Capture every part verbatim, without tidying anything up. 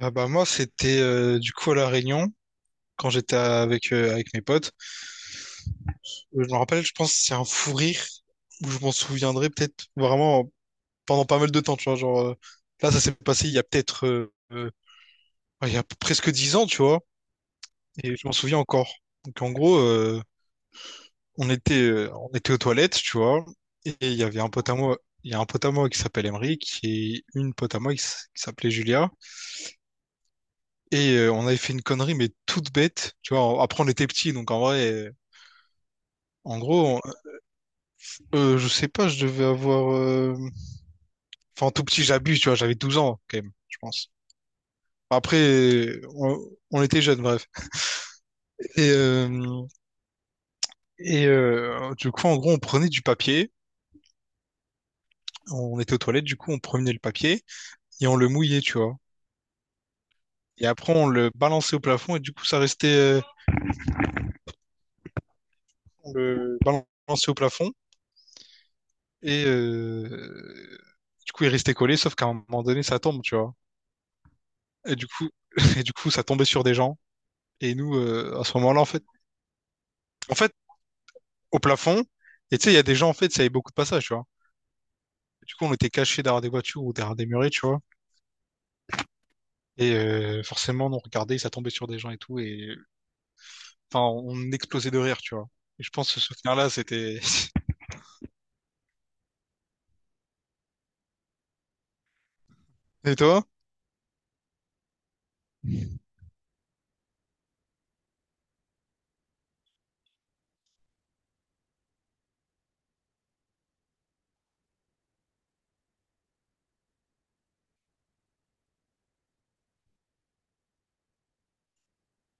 Ah bah moi c'était euh, du coup à La Réunion quand j'étais avec euh, avec mes potes. Euh, Je me rappelle, je pense que c'est un fou rire où je m'en souviendrai peut-être vraiment pendant pas mal de temps, tu vois, genre euh, là ça s'est passé il y a peut-être euh, euh, ouais, il y a presque dix ans, tu vois, et je m'en souviens encore. Donc en gros euh, on était euh, on était aux toilettes, tu vois, et il y avait un pote à moi, il y a un pote à moi qui s'appelle Emeric et une pote à moi qui s- qui s'appelait Julia et euh, on avait fait une connerie mais toute bête, tu vois. Après on était petits donc en vrai euh, En gros, on- euh, je sais pas, je devais avoir... euh, Enfin, tout petit, j'abuse, tu vois, j'avais douze ans, quand même, je pense. Après, on, on était jeunes, bref. Et, euh, et euh, du coup, en gros, on prenait du papier, on était aux toilettes, du coup, on prenait le papier et on le mouillait, tu vois. Et après, on le balançait au plafond et du coup, ça restait... euh, on le balançait au plafond et... euh, du coup, il restait collé, sauf qu'à un moment donné, ça tombe, tu vois. Et du coup, et du coup, ça tombait sur des gens. Et nous, euh, à ce moment-là, en fait, en fait, au plafond. Et tu sais, il y a des gens, en fait, ça avait beaucoup de passages, tu vois. Du coup, on était cachés derrière des voitures ou derrière des murets, tu vois. Et euh, forcément, on regardait, ça tombait sur des gens et tout. Et enfin, on explosait de rire, tu vois. Et je pense que ce souvenir-là, c'était... Et toi?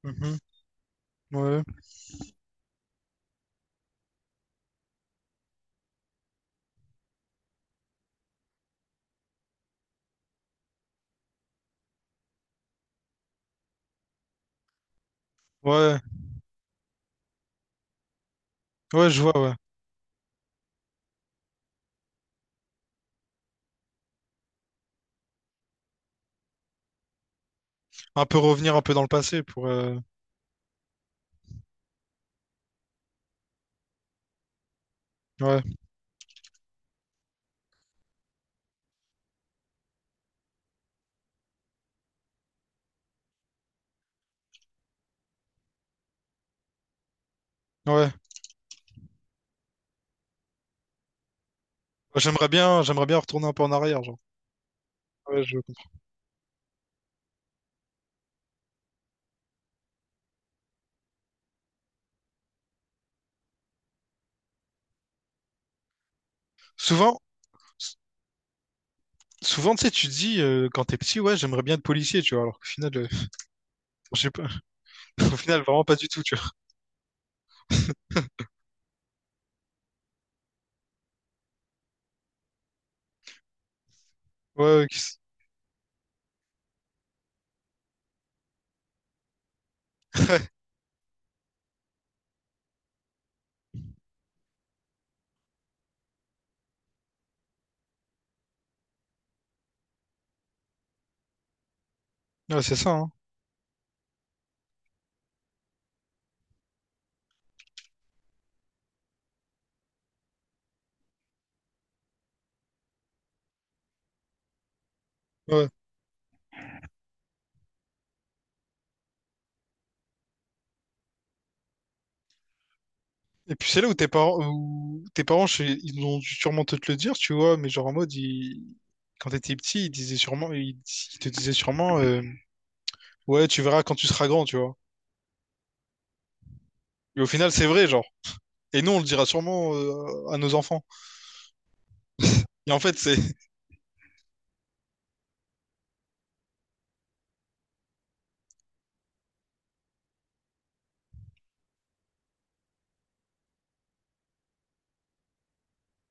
Mhm. Ouais, ouais, ouais, je vois, ouais. Un peu revenir un peu dans le passé pour... euh, Ouais, ouais. J'aimerais bien, j'aimerais bien retourner un peu en arrière, genre. Ouais, je... Souvent... Souvent, tu sais, tu te dis euh, quand t'es petit, ouais, j'aimerais bien être policier, tu vois, alors qu'au final, euh, je sais pas, au final, vraiment pas du tout, tu vois. Ouais, ouais, qu'est-ce- ouais, ouais, c'est ça, hein. Ouais. Et puis c'est là où tes parents, où tes parents, je sais- ils ont dû sûrement te te le dire, tu vois, mais genre en mode, ils- quand t'étais petit, ils disaient sûrement, ils, ils te disaient sûrement, euh, ouais, tu verras quand tu seras grand, tu vois. Et au final, c'est vrai, genre. Et nous, on le dira sûrement euh, à nos enfants. Et en fait, c'est,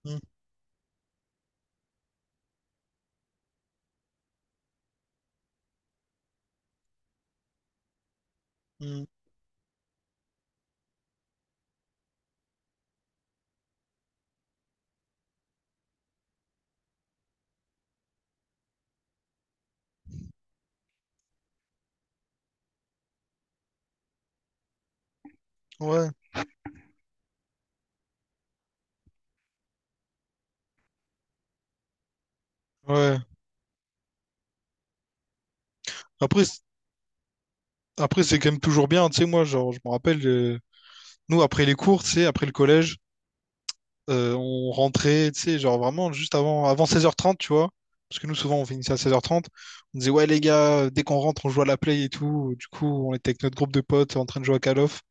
Mm, mm, ouais, ouais. Après, c'est- après, c'est quand même toujours bien, tu sais, moi, genre, je me rappelle. euh, Nous, après les cours, tu sais, après le collège, euh, on rentrait, tu sais, genre vraiment juste avant, avant seize heures trente, tu vois. Parce que nous, souvent, on finissait à seize heures trente. On disait, ouais, les gars, dès qu'on rentre, on joue à la play et tout. Du coup, on était avec notre groupe de potes en train de jouer à Call of.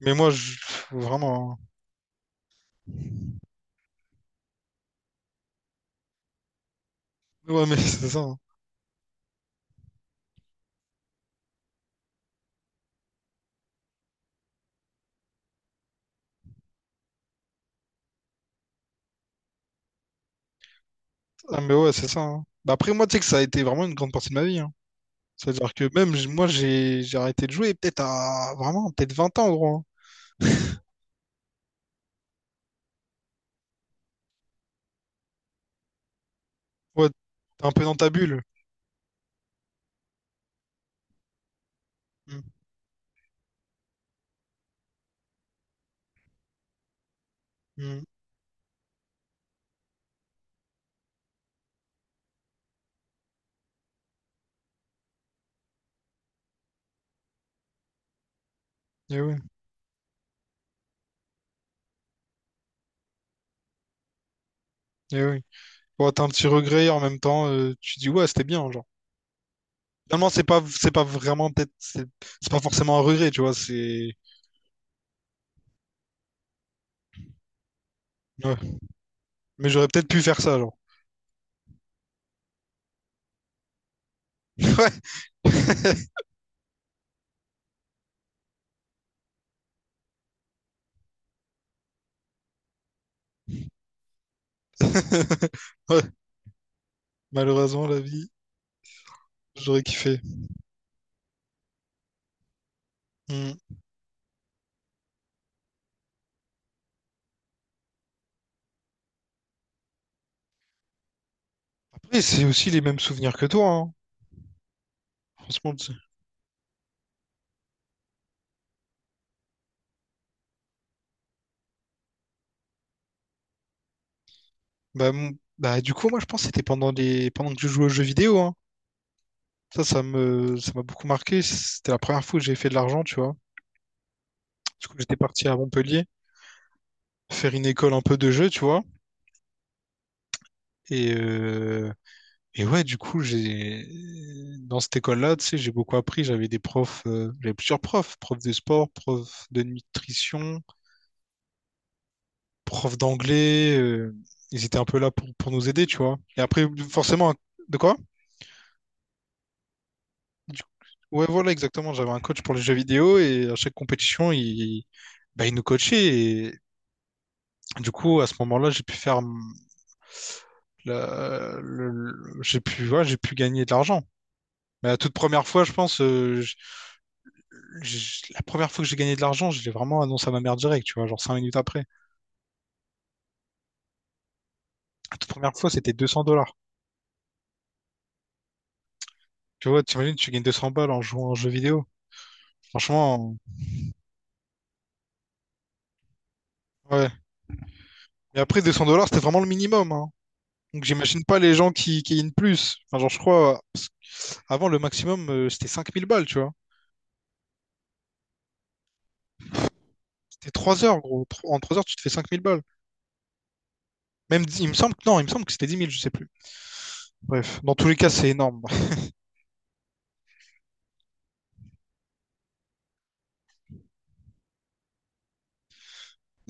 Mais moi, je... vraiment. Hein. Ouais, mais c'est ça. Hein. Ah, mais ouais, c'est ça. Hein. Bah, après, moi, tu sais que ça a été vraiment une grande partie de ma vie. Hein. C'est-à-dire que même, j- moi, j'ai j'ai arrêté de jouer peut-être à vraiment, peut-être vingt ans, gros. Hein. Ouais, t'es un peu dans ta bulle. Mm, mm. Eh oui, eh oui. Bon, t'as un petit regret et en même temps, euh, tu dis ouais, c'était bien, genre. Finalement, c'est pas, c'est pas vraiment peut-être, c'est c'est pas forcément un regret, tu vois, c'est. Ouais. Mais j'aurais peut-être pu faire ça, genre. Ouais. Ouais. Malheureusement, la vie, j'aurais kiffé. Hmm. Après, c'est aussi les mêmes souvenirs que toi, hein. Franchement, tu sais. bah, mon- bah, du coup, moi, je pense que c'était pendant les, pendant que je jouais aux jeux vidéo, hein. Ça, ça me, ça m'a beaucoup marqué. C'était la première fois que j'ai fait de l'argent, tu vois. Du coup, j'étais parti à Montpellier faire une école un peu de jeu, tu vois. Et, euh, Et ouais, du coup, j'ai dans cette école-là, tu sais, j'ai beaucoup appris. J'avais des profs, euh, j'avais plusieurs profs, profs de sport, profs de nutrition, profs d'anglais. euh, Ils étaient un peu là pour, pour nous aider, tu vois. Et après, forcément, un- de quoi? Du- Ouais, voilà, exactement. J'avais un coach pour les jeux vidéo et à chaque compétition, il, bah, il nous coachait. Et du coup, à ce moment-là, j'ai pu faire hum, la- le- le- j'ai pu, ouais, j'ai pu gagner de l'argent. Mais la toute première fois, je pense, euh, je- la première fois que j'ai gagné de l'argent, je l'ai vraiment annoncé à ma mère direct, tu vois, genre cinq minutes après. La toute première fois, c'était deux cents dollars. Tu vois, t'imagines, tu gagnes deux cents balles en jouant à un jeu vidéo. Franchement, ouais. Et après, deux cents dollars, c'était vraiment le minimum, hein. Donc j'imagine pas les gens qui, qui gagnent plus. Enfin, genre, je crois, parce que avant, le maximum, euh, c'était cinq mille balles, tu vois. C'était trois heures, gros. Tro- En trois heures, tu te fais cinq mille balles. Même, dix- il me semble que, non, il me semble que c'était dix mille. Je sais plus. Bref, dans tous les cas, c'est énorme.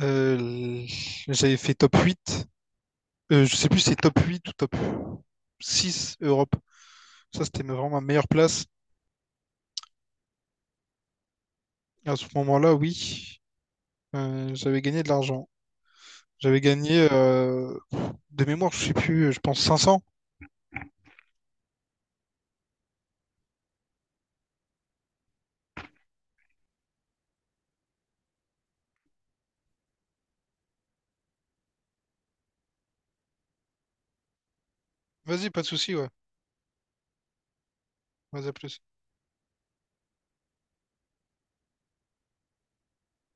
Euh, J'avais fait top huit. Euh, je sais plus si c'est top huit ou top six Europe. Ça, c'était ma- vraiment ma meilleure place. Et à ce moment-là, oui, euh, j'avais gagné de l'argent. J'avais gagné euh, de mémoire, je sais plus, je pense cinq cents. Vas-y, pas de souci, ouais. Vas-y, à plus.